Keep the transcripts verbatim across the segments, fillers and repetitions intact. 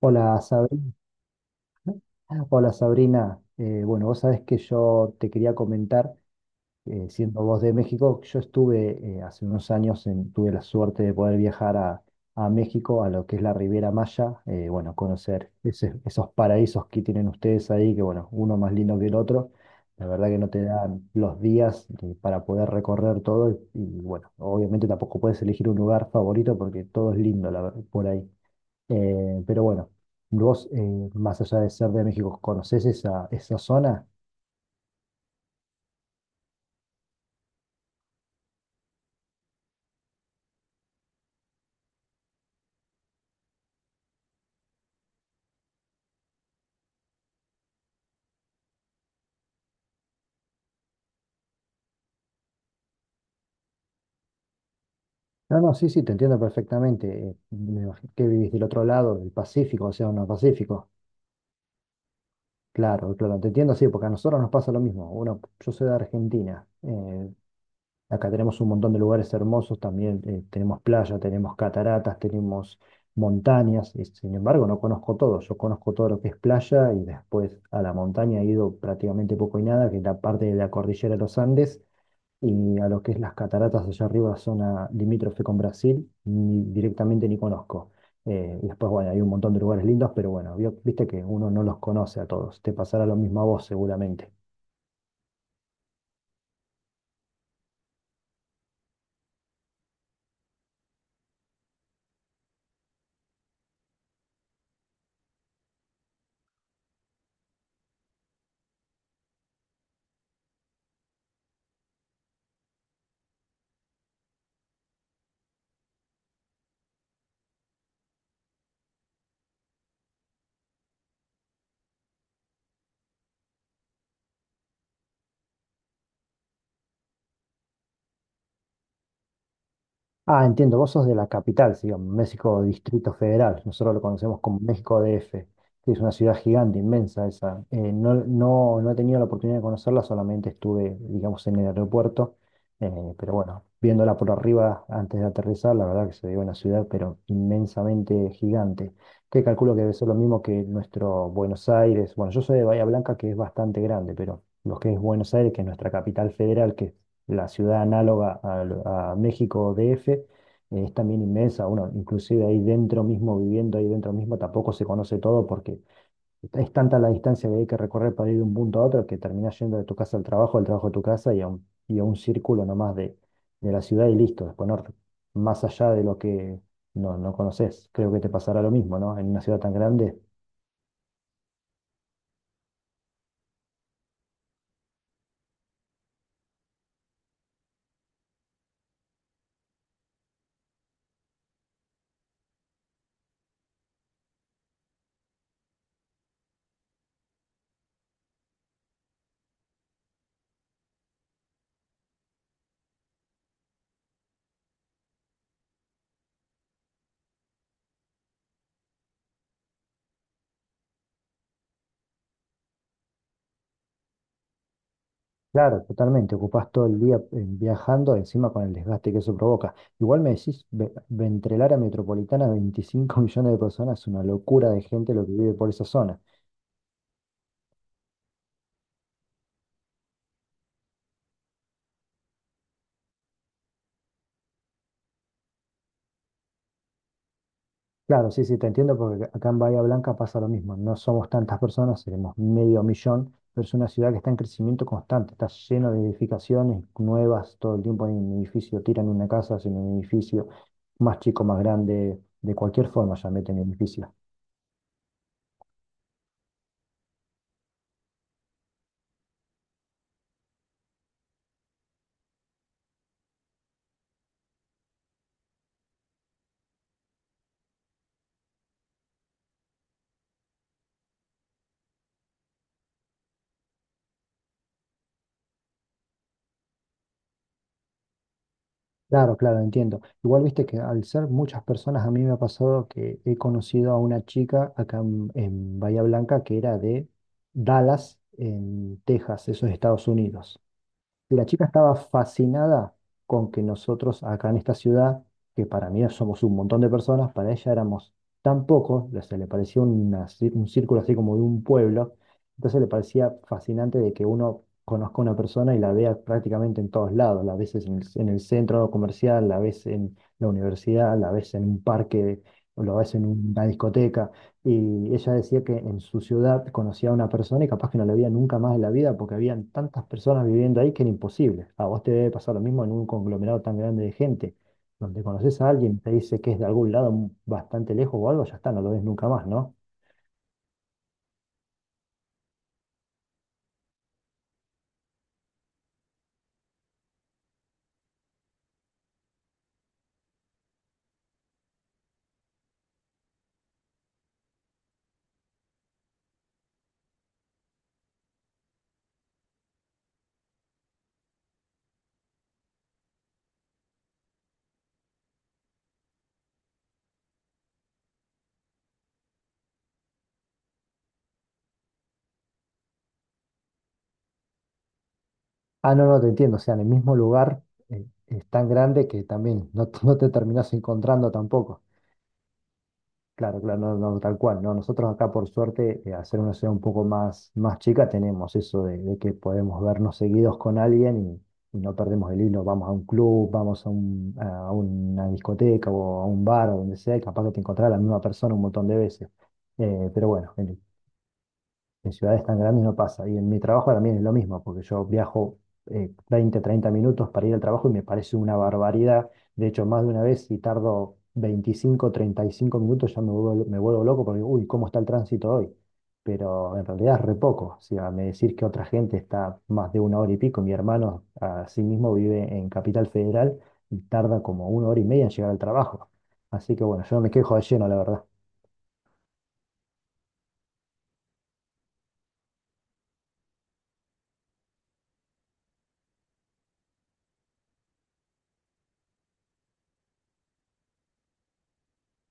Hola Sabrina, hola Sabrina. Eh, bueno, vos sabés que yo te quería comentar, eh, siendo vos de México, yo estuve eh, hace unos años, en- tuve la suerte de poder viajar a, a México, a lo que es la Riviera Maya, eh, bueno, conocer ese- esos paraísos que tienen ustedes ahí, que bueno, uno más lindo que el otro, la verdad que no te dan los días eh, para poder recorrer todo y, y, bueno, obviamente tampoco puedes elegir un lugar favorito porque todo es lindo la ver- por ahí. Eh, pero bueno, vos, eh, más allá de ser de México, ¿conocés esa, esa zona? No, no, sí, sí, te entiendo perfectamente. eh, me imagino que vivís del otro lado, del Pacífico, o sea, no Pacífico. Claro, claro, te entiendo, sí, porque a nosotros nos pasa lo mismo. Bueno, yo soy de Argentina. eh, acá tenemos un montón de lugares hermosos también. eh, tenemos playa, tenemos cataratas, tenemos montañas. Y sin embargo, no conozco todo. Yo conozco todo lo que es playa y después a la montaña he ido prácticamente poco y nada, que es la parte de la cordillera de los Andes y a lo que es las cataratas allá arriba, zona limítrofe con Brasil, ni directamente ni conozco. Eh, y después, bueno, hay un montón de lugares lindos, pero bueno, vi- viste que uno no los conoce a todos. Te pasará lo mismo a vos seguramente. Ah, entiendo, vos sos de la capital, sí, digamos, México Distrito Federal. Nosotros lo conocemos como México D. F., que es una ciudad gigante, inmensa esa. Eh, no, no, no he tenido la oportunidad de conocerla, solamente estuve, digamos, en el aeropuerto. eh, pero bueno, viéndola por arriba antes de aterrizar, la verdad que se ve una ciudad, pero inmensamente gigante. Que calculo que debe ser lo mismo que nuestro Buenos Aires. Bueno, yo soy de Bahía Blanca, que es bastante grande, pero lo que es Buenos Aires, que es nuestra capital federal, que la ciudad análoga a, a México D F, eh, es también inmensa. Uno, inclusive ahí dentro mismo, viviendo ahí dentro mismo, tampoco se conoce todo porque es tanta la distancia que hay que recorrer para ir de un punto a otro que terminás yendo de tu casa al trabajo, del trabajo a tu casa y a un, y a un círculo nomás de, de la ciudad y listo. Después no- más allá de lo que no, no conoces. Creo que te pasará lo mismo, ¿no? En una ciudad tan grande. Claro, totalmente. Ocupás todo el día eh, viajando, encima con el desgaste que eso provoca. Igual me decís, ve- Ventrel a metropolitana, veinticinco millones de personas, es una locura de gente lo que vive por esa zona. Claro, sí, sí, te entiendo porque acá en Bahía Blanca pasa lo mismo. No somos tantas personas, seremos medio millón, pero es una ciudad que está en crecimiento constante, está lleno de edificaciones nuevas, todo el tiempo hay un edificio, tiran una casa, hacen un edificio más chico, más grande, de cualquier forma ya meten edificios. Claro, claro, entiendo. Igual viste que al ser muchas personas, a mí me ha pasado que he conocido a una chica acá en, en Bahía Blanca que era de Dallas, en Texas, eso es Estados Unidos. La chica estaba fascinada con que nosotros acá en esta ciudad, que para mí somos un montón de personas, para ella éramos tan pocos, le- se le parecía una cir- un círculo así como de un pueblo, entonces le parecía fascinante de que uno conozca a una persona y la vea prácticamente en todos lados, la ves en el, en el centro comercial, la ves en la universidad, la ves en un parque, o la ves en una discoteca. Y ella decía que en su ciudad conocía a una persona y capaz que no la veía nunca más en la vida porque habían tantas personas viviendo ahí que era imposible. A vos te debe pasar lo mismo en un conglomerado tan grande de gente, donde conoces a alguien, te dice que es de algún lado bastante lejos o algo, ya está, no lo ves nunca más, ¿no? Ah, no, no, te entiendo. O sea, en el mismo lugar eh, es tan grande que también no, te no te terminás encontrando tampoco. Claro, claro, no, no, tal cual, ¿no? Nosotros acá, por suerte, eh, al ser una ciudad un poco más, más chica, tenemos eso de, de que podemos vernos seguidos con alguien y, y no perdemos el hilo. Vamos a un club, vamos a, un- a una discoteca o a un bar o donde sea, y capaz que te encontrás a la misma persona un montón de veces. Eh, pero bueno, en- en ciudades tan grandes no pasa. Y en mi trabajo también es lo mismo, porque yo viajo eh, veinte, treinta minutos para ir al trabajo y me parece una barbaridad. De hecho, más de una vez, si tardo veinticinco, treinta y cinco minutos, ya me vuelvo, me vuelvo loco porque, uy, ¿cómo está el tránsito hoy? Pero en realidad es re poco. O sea, me decir que otra gente está más de una hora y pico. Mi hermano, a sí mismo, vive en Capital Federal y tarda como una hora y media en llegar al trabajo. Así que bueno, yo no me quejo de lleno, la verdad.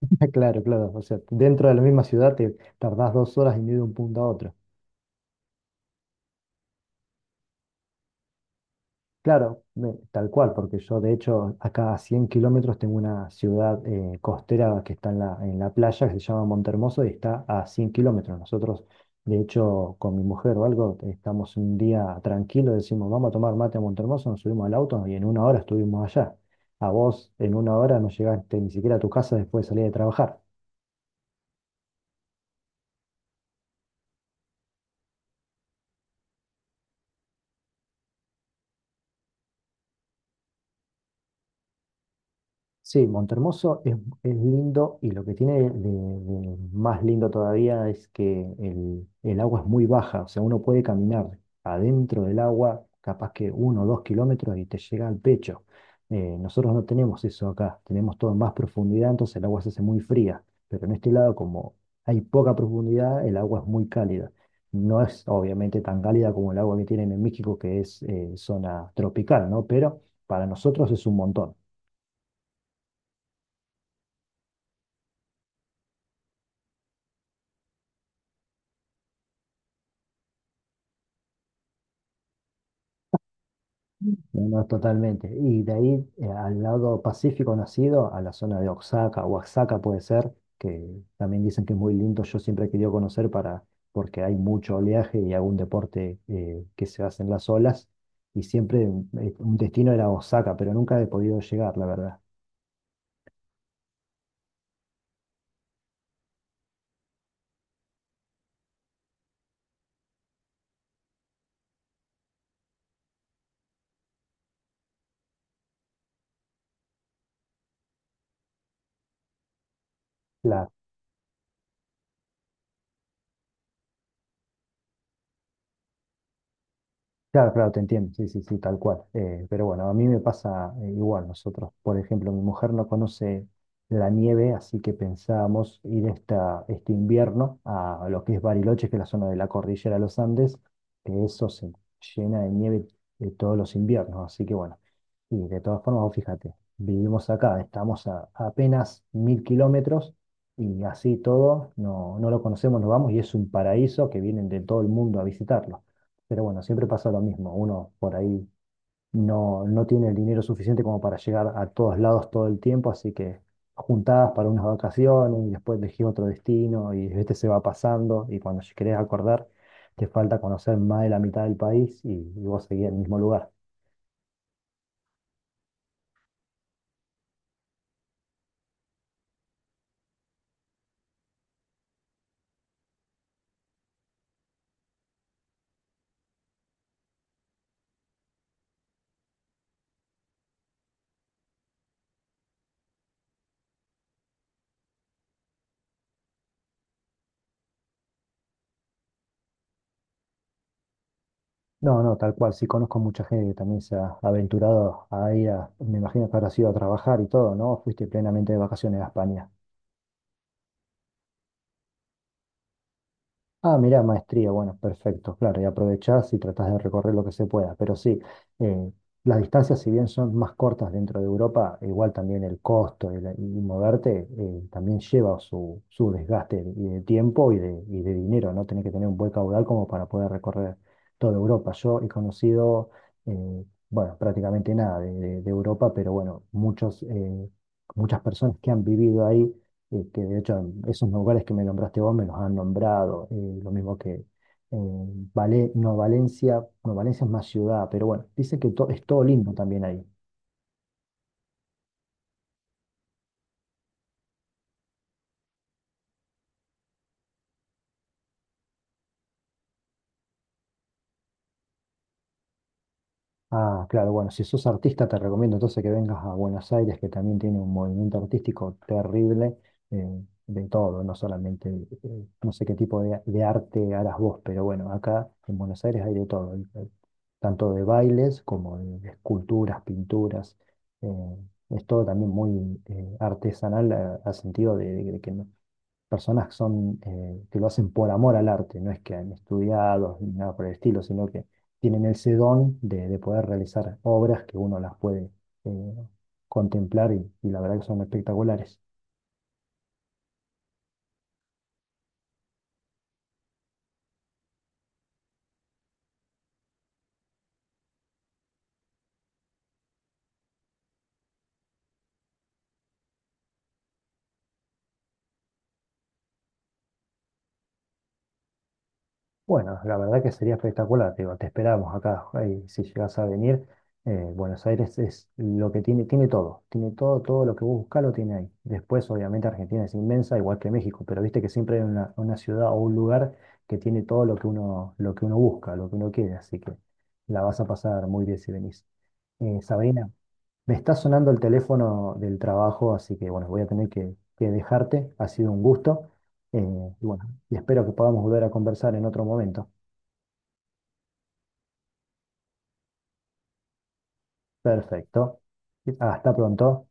Ah, claro, claro. O sea, dentro de la misma ciudad te tardás dos horas en ir de un punto a otro. Claro, me- tal cual, porque yo de hecho acá a cien kilómetros tengo una ciudad eh, costera que está en la, en la playa, que se llama Montehermoso y está a cien kilómetros. Nosotros, de hecho, con mi mujer o algo, estamos un día tranquilo, decimos, vamos a tomar mate a Montehermoso, nos subimos al auto y en una hora estuvimos allá. A vos en una hora no llegaste ni siquiera a tu casa después de salir de trabajar. Sí, Montehermoso es, es lindo y lo que tiene de, de más lindo todavía es que el, el agua es muy baja, o sea, uno puede caminar adentro del agua, capaz que uno o dos kilómetros y te llega al pecho. Eh, nosotros no tenemos eso acá, tenemos todo en más profundidad, entonces el agua se hace muy fría, pero en este lado como hay poca profundidad, el agua es muy cálida. No es obviamente tan cálida como el agua que tienen en México, que es eh, zona tropical, ¿no? Pero para nosotros es un montón. No, no, totalmente. Y de ahí eh, al lado pacífico nacido, a la zona de Oaxaca, Oaxaca puede ser, que también dicen que es muy lindo, yo siempre he querido conocer para, porque hay mucho oleaje y algún deporte eh, que se hace en las olas, y siempre eh, un destino era Oaxaca, pero nunca he podido llegar, la verdad. Claro, claro, te entiendo, sí, sí, sí, tal cual. Eh, pero bueno, a mí me pasa eh, igual. Nosotros, por ejemplo, mi mujer no conoce la nieve, así que pensábamos ir esta, este invierno a lo que es Bariloche, que es la zona de la cordillera de los Andes, que eso se llena de nieve eh, todos los inviernos. Así que bueno, y de todas formas, vos fíjate, vivimos acá, estamos a, a apenas mil kilómetros y así todo, no, no lo conocemos, nos vamos y es un paraíso que vienen de todo el mundo a visitarlo. Pero bueno, siempre pasa lo mismo. Uno por ahí no, no tiene el dinero suficiente como para llegar a todos lados todo el tiempo, así que juntadas para unas vacaciones y después elegí otro destino y este se va pasando y cuando querés acordar te falta conocer más de la mitad del país y, y vos seguís en el mismo lugar. No, no, tal cual. Sí conozco mucha gente que también se ha aventurado a ir a, me imagino que habrás ido a trabajar y todo, ¿no? Fuiste plenamente de vacaciones a España. Ah, mirá, maestría, bueno, perfecto, claro, y aprovechás y tratás de recorrer lo que se pueda, pero sí, eh, las distancias, si bien son más cortas dentro de Europa, igual también el costo y, la- y moverte eh, también lleva su, su desgaste y de tiempo y de, y de dinero, ¿no? Tenés que tener un buen caudal como para poder recorrer toda Europa. Yo he conocido, eh, bueno, prácticamente nada de, de- de Europa, pero bueno, muchos, eh, muchas personas que han vivido ahí eh, que de hecho en esos lugares que me nombraste vos me los han nombrado, eh, lo mismo que eh, Vale- no Valencia, no Valencia es más ciudad, pero bueno, dice que to- es todo lindo también ahí. Ah, claro, bueno, si sos artista te recomiendo entonces que vengas a Buenos Aires, que también tiene un movimiento artístico terrible eh, de todo, no solamente, eh, no sé qué tipo de, de arte harás vos, pero bueno, acá en Buenos Aires hay de todo, hay- hay tanto de bailes como de esculturas, pinturas, eh, es todo también muy eh, artesanal a- al sentido de, de que no, personas que son, eh, que lo hacen por amor al arte, no es que han estudiado ni nada por el estilo, sino que tienen ese don de, de poder realizar obras que uno las puede eh, contemplar y, y la verdad que son espectaculares. Bueno, la verdad que sería espectacular, te digo, te esperamos acá, ahí, si llegas a venir, eh, Buenos Aires es lo que tiene, tiene todo, tiene todo, todo lo que vos buscás lo tiene ahí. Después, obviamente, Argentina es inmensa, igual que México, pero viste que siempre hay una, una ciudad o un lugar que tiene todo lo que uno, lo que uno busca, lo que uno quiere, así que la vas a pasar muy bien si venís. Eh, Sabrina, me está sonando el teléfono del trabajo, así que bueno, voy a tener que, que dejarte. Ha sido un gusto. eh, y bueno, y espero que podamos volver a conversar en otro momento. Perfecto. Hasta pronto.